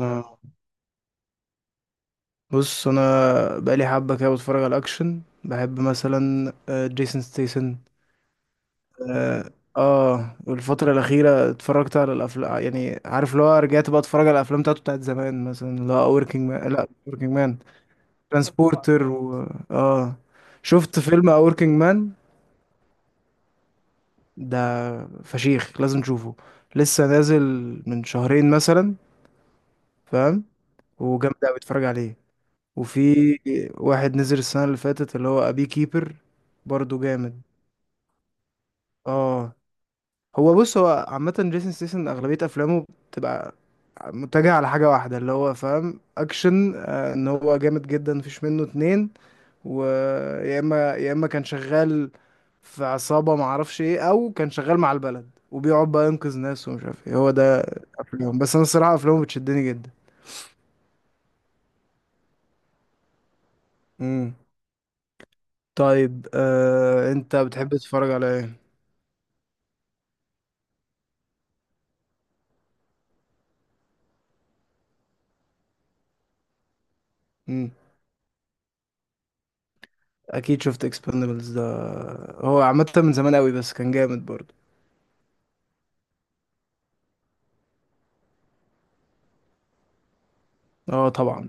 آه. بص انا بقالي حبه كده بتفرج على الاكشن، بحب مثلا جيسون ستيسن. اه والفتره الاخيره اتفرجت على الافلام، يعني عارف اللي هو رجعت بقى اتفرج على الافلام بتاعته بتاعت زمان، مثلا اللي هو وركينج مان، لا وركينج مان ترانسبورتر اه، شفت فيلم وركينج مان ده، فشيخ، لازم تشوفه. لسه نازل من شهرين مثلا، فاهم؟ وجامد قوي، اتفرج عليه. وفي واحد نزل السنة اللي فاتت اللي هو أبي كيبر، برضو جامد. اه، هو بص، هو عامة جيسون ستاثام أغلبية أفلامه بتبقى متجهة على حاجة واحدة، اللي هو فاهم، أكشن، إن هو جامد جدا، مفيش منه اتنين. ويا إما يا إما كان شغال في عصابة معرفش إيه، أو كان شغال مع البلد وبيقعد بقى ينقذ ناس ومش عارف إيه هو ده. أفلامه، بس أنا الصراحة أفلامه بتشدني جدا. مم. طيب أنت بتحب تتفرج على إيه؟ اكيد شفت اكسبندبلز ده، هو عامه من زمان قوي بس كان جامد برضه. اه طبعا.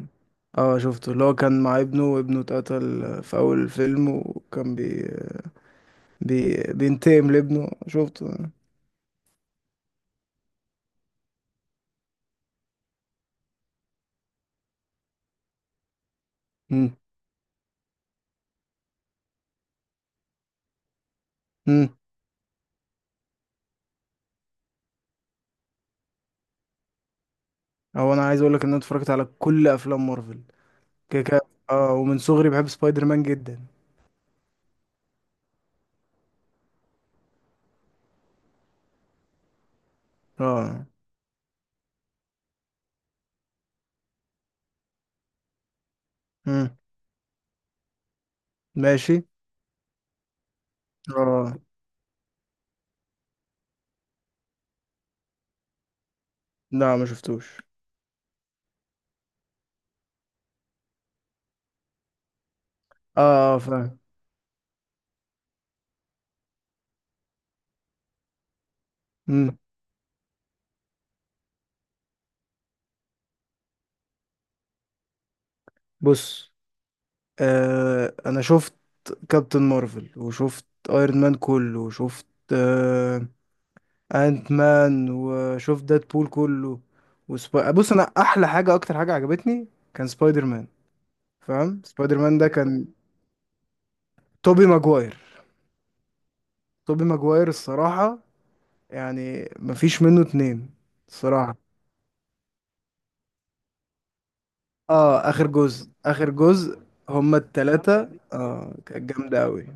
اه شفته، اللي هو كان مع ابنه وابنه اتقتل في اول الفيلم، وكان بينتقم لابنه، شفته. امم. امم. هو انا عايز اقول لك ان انا اتفرجت على كل افلام مارفل، كده كده. اه، ومن صغري بحب سبايدر مان جدا. اه. امم. ماشي. اه. لا، ما شفتوش. اه. فاهم. امم. بص انا شفت كابتن مارفل، وشفت ايرون مان كله، وشفت آه انت مان، وشفت ديد بول كله، بص انا احلى حاجه، اكتر حاجه عجبتني كان سبايدر مان. فاهم؟ سبايدر مان ده كان توبي ماجواير. توبي ماجواير الصراحه، يعني مفيش منه اتنين. الصراحه. اه، اخر جزء، اخر جزء. هما التلاتة اه كانت جامدة أوي.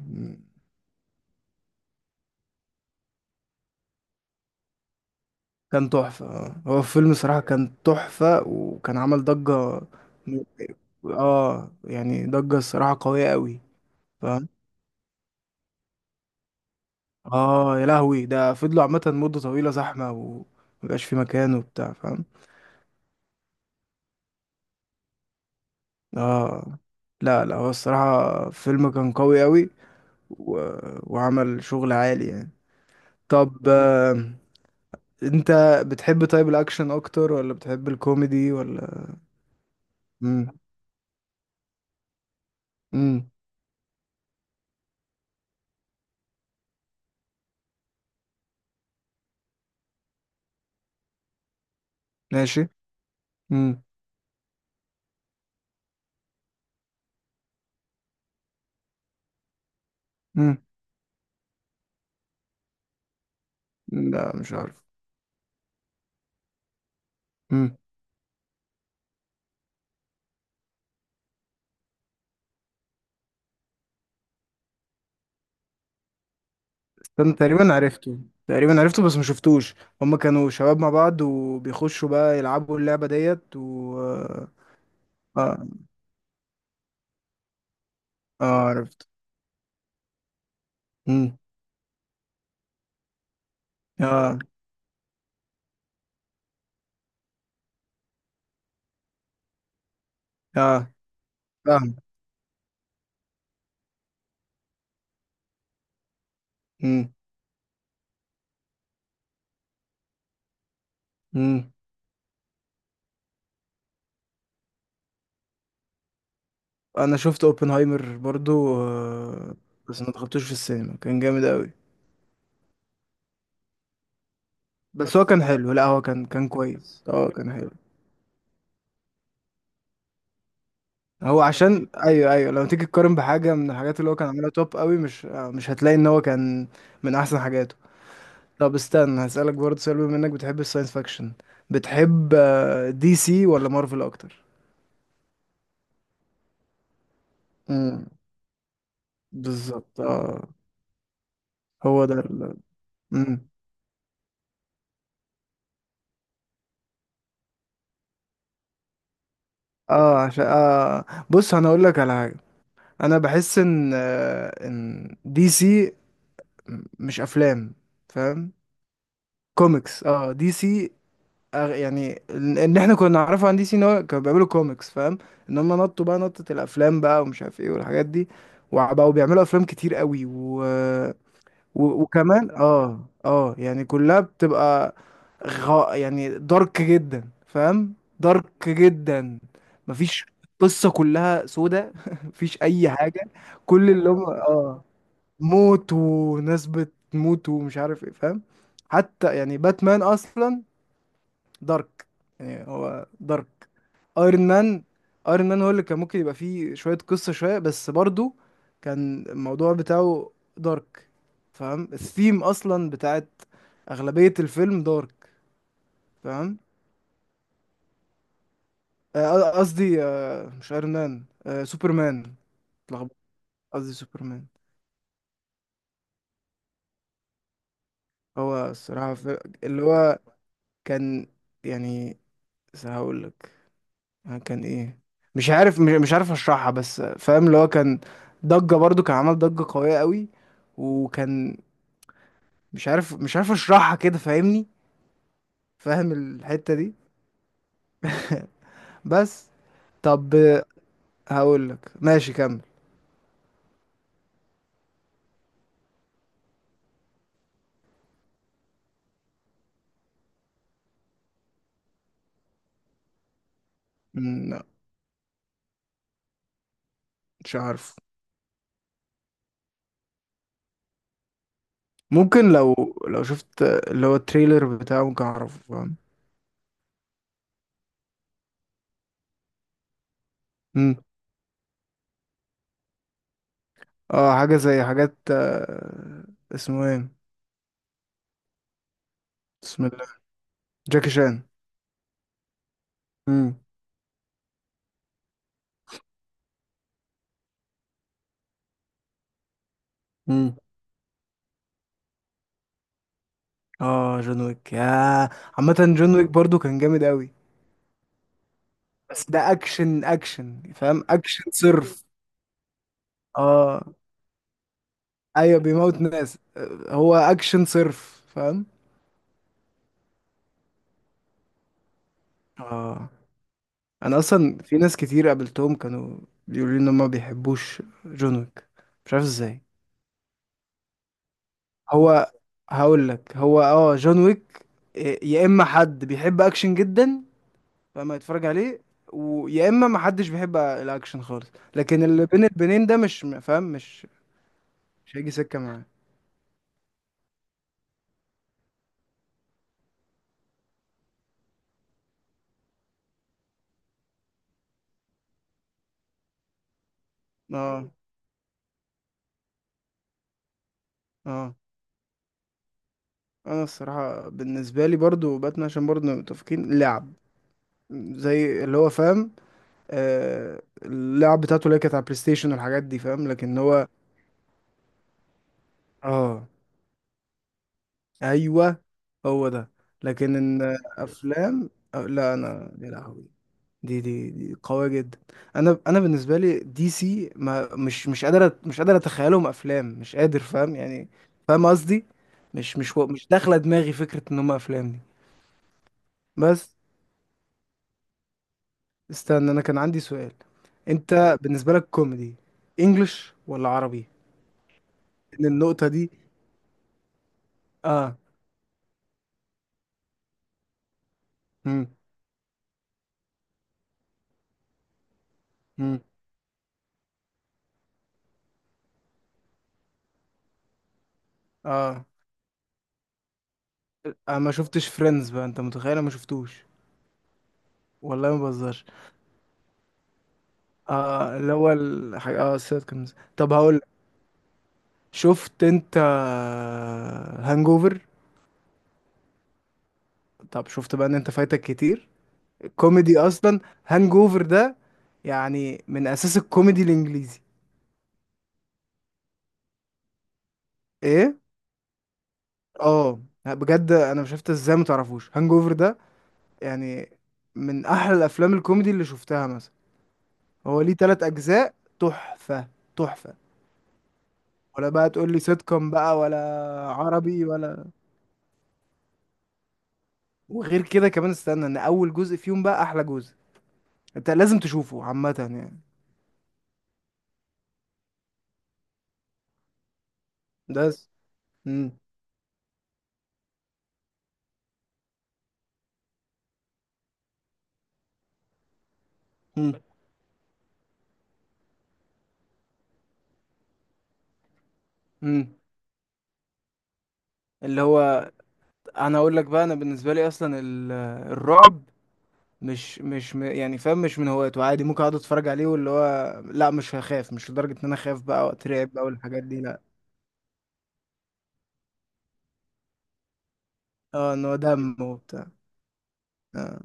كان تحفة. آه. هو الفيلم صراحة كان تحفة، وكان عمل ضجة. م- اه يعني ضجة الصراحة قوية قوي. فاهم؟ اه، يا لهوي، ده فضلوا عامة مدة طويلة زحمة ومبقاش في مكان وبتاع، فاهم؟ اه لا لا، هو الصراحة فيلم كان قوي قوي، و... وعمل شغل عالي يعني. طب انت بتحب طيب، الاكشن اكتر ولا بتحب الكوميدي ولا؟ امم. امم. ماشي. امم. امم. لا مش عارف. كان تقريبا عرفته. تقريبا عرفته بس ما شفتوش. هما كانوا شباب مع بعض وبيخشوا بقى يلعبوا اللعبة ديت و... اه. اه عرفت. امم. اه. اه فاهم. امم. امم انا شفت اوبنهايمر برضو، بس ما دخلتوش في السينما، كان جامد قوي. بس هو كان حلو، لا هو كان كويس، اه كان حلو. هو عشان ايوه ايوه، لو تيجي تقارن بحاجة من الحاجات اللي هو كان عاملها توب قوي، مش آه، مش هتلاقي ان هو كان من احسن حاجاته. طب استنى، هسألك برضه سؤال. بما انك بتحب الساينس فاكشن، بتحب دي سي ولا مارفل اكتر؟ امم. بالظبط اه. هو ده امم. اه عشان بص انا اقول لك على حاجه، انا بحس ان ان دي سي مش افلام، فاهم؟ كوميكس. اه، دي سي. يعني ان احنا كنا نعرفه عن دي سي ان هو كانوا بيعملوا كوميكس، فاهم؟ ان هم نطوا بقى نطة الافلام بقى ومش عارف ايه والحاجات دي، وبقوا بيعملوا افلام كتير قوي وكمان يعني كلها بتبقى يعني دارك جدا. فاهم؟ دارك جدا. مفيش قصة، كلها سودة مفيش اي حاجة. كل اللي هم اه موت وناس بتموت ومش عارف ايه، فاهم؟ حتى يعني باتمان اصلا دارك، يعني هو دارك. ايرون مان. ايرون مان هو اللي كان ممكن يبقى فيه شوية قصة شوية، بس برضو كان الموضوع بتاعه دارك. فاهم؟ الثيم اصلا بتاعت اغلبية الفيلم دارك. فاهم؟ قصدي مش ايرون مان، سوبرمان. اتلخبطت، قصدي سوبرمان. هو الصراحة اللي هو كان، يعني هقول لك كان ايه، مش عارف، مش عارف اشرحها، بس فاهم اللي هو كان ضجة برضو، كان عمل ضجة قوية قوي، وكان مش عارف، مش عارف اشرحها كده، فاهمني؟ فاهم الحتة دي. بس. طب هقول لك ماشي كمل. مم، لا. مش عارف. ممكن لو، لو شفت اللي هو التريلر بتاعه ممكن اعرفه، فاهم؟ مم. اه حاجة زي حاجات اسمه ايه، بسم الله، جاكي شان. مم. مم. اه جون ويك، يا. عامة جون ويك برضو كان جامد قوي، بس ده اكشن اكشن، فاهم اكشن صرف. اه. ايوه بيموت ناس، هو اكشن صرف، فاهم؟ اه، انا اصلا في ناس كتير قابلتهم كانوا بيقولوا لي ان هم ما بيحبوش جون ويك، مش عارف ازاي. هو هقول لك، هو اه جون ويك، يا اما حد بيحب اكشن جدا فما يتفرج عليه، ويا اما ما حدش بيحب الاكشن خالص. لكن اللي بين البنين ده مش فاهم مش مش هيجي سكة معاه. اه. اه، انا الصراحة بالنسبة لي برضو باتمان، عشان برضو نبقى متفقين، لعب زي اللي هو فاهم، آه اللعب بتاعته اللي هي كانت على بلاي ستيشن والحاجات دي، فاهم؟ لكن هو اه ايوه هو ده. لكن ان افلام، أو لا انا يا لهوي، دي قوية جدا. انا بالنسبة لي دي سي، ما مش مش قادر اتخيلهم افلام، مش قادر، فاهم يعني؟ فاهم قصدي؟ مش داخلة دماغي فكرة ان هم افلام. بس استنى، انا كان عندي سؤال. انت بالنسبه لك كوميدي انجلش ولا عربي؟ ان النقطه دي. اه. امم. امم. اه. انا ما شفتش فريندز بقى، انت متخيل انا ما شفتوش؟ والله ما بهزرش. اه الاول حاجه، اه السيتكمز، طب هقول لك، شفت انت هانجوفر؟ طب شفت بقى ان انت فايتك كتير الكوميدي اصلا. هانجوفر ده يعني من اساس الكوميدي الانجليزي. ايه. اه، بجد انا مش شفت ازاي ما تعرفوش هانج اوفر ده، يعني من احلى الافلام الكوميدي اللي شفتها مثلا. هو ليه تلات اجزاء، تحفه تحفه. ولا بقى تقول لي سيت كوم بقى، ولا عربي ولا؟ وغير كده كمان استنى ان اول جزء فيهم بقى احلى جزء، انت لازم تشوفه عامه يعني. ده س- مم. مم. مم. اللي هو انا اقول لك بقى، انا بالنسبه لي اصلا الرعب مش مش م- يعني فاهم، مش من هوايته، عادي ممكن اقعد اتفرج عليه، واللي هو لا مش هخاف، مش لدرجة ان انا اخاف بقى واترعب بقى والحاجات دي، لا. اه، ان هو دم وبتاع. آه.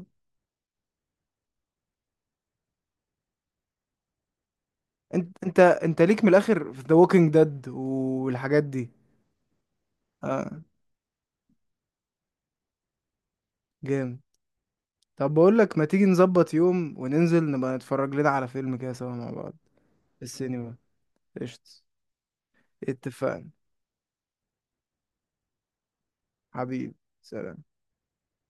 انت ليك من الاخر في ذا ووكينج ديد والحاجات دي. اه جامد. طب بقول لك، ما تيجي نظبط يوم وننزل نبقى نتفرج لنا على فيلم كده سوا مع بعض في السينما؟ قشطة، اتفقنا. حبيبي، سلام.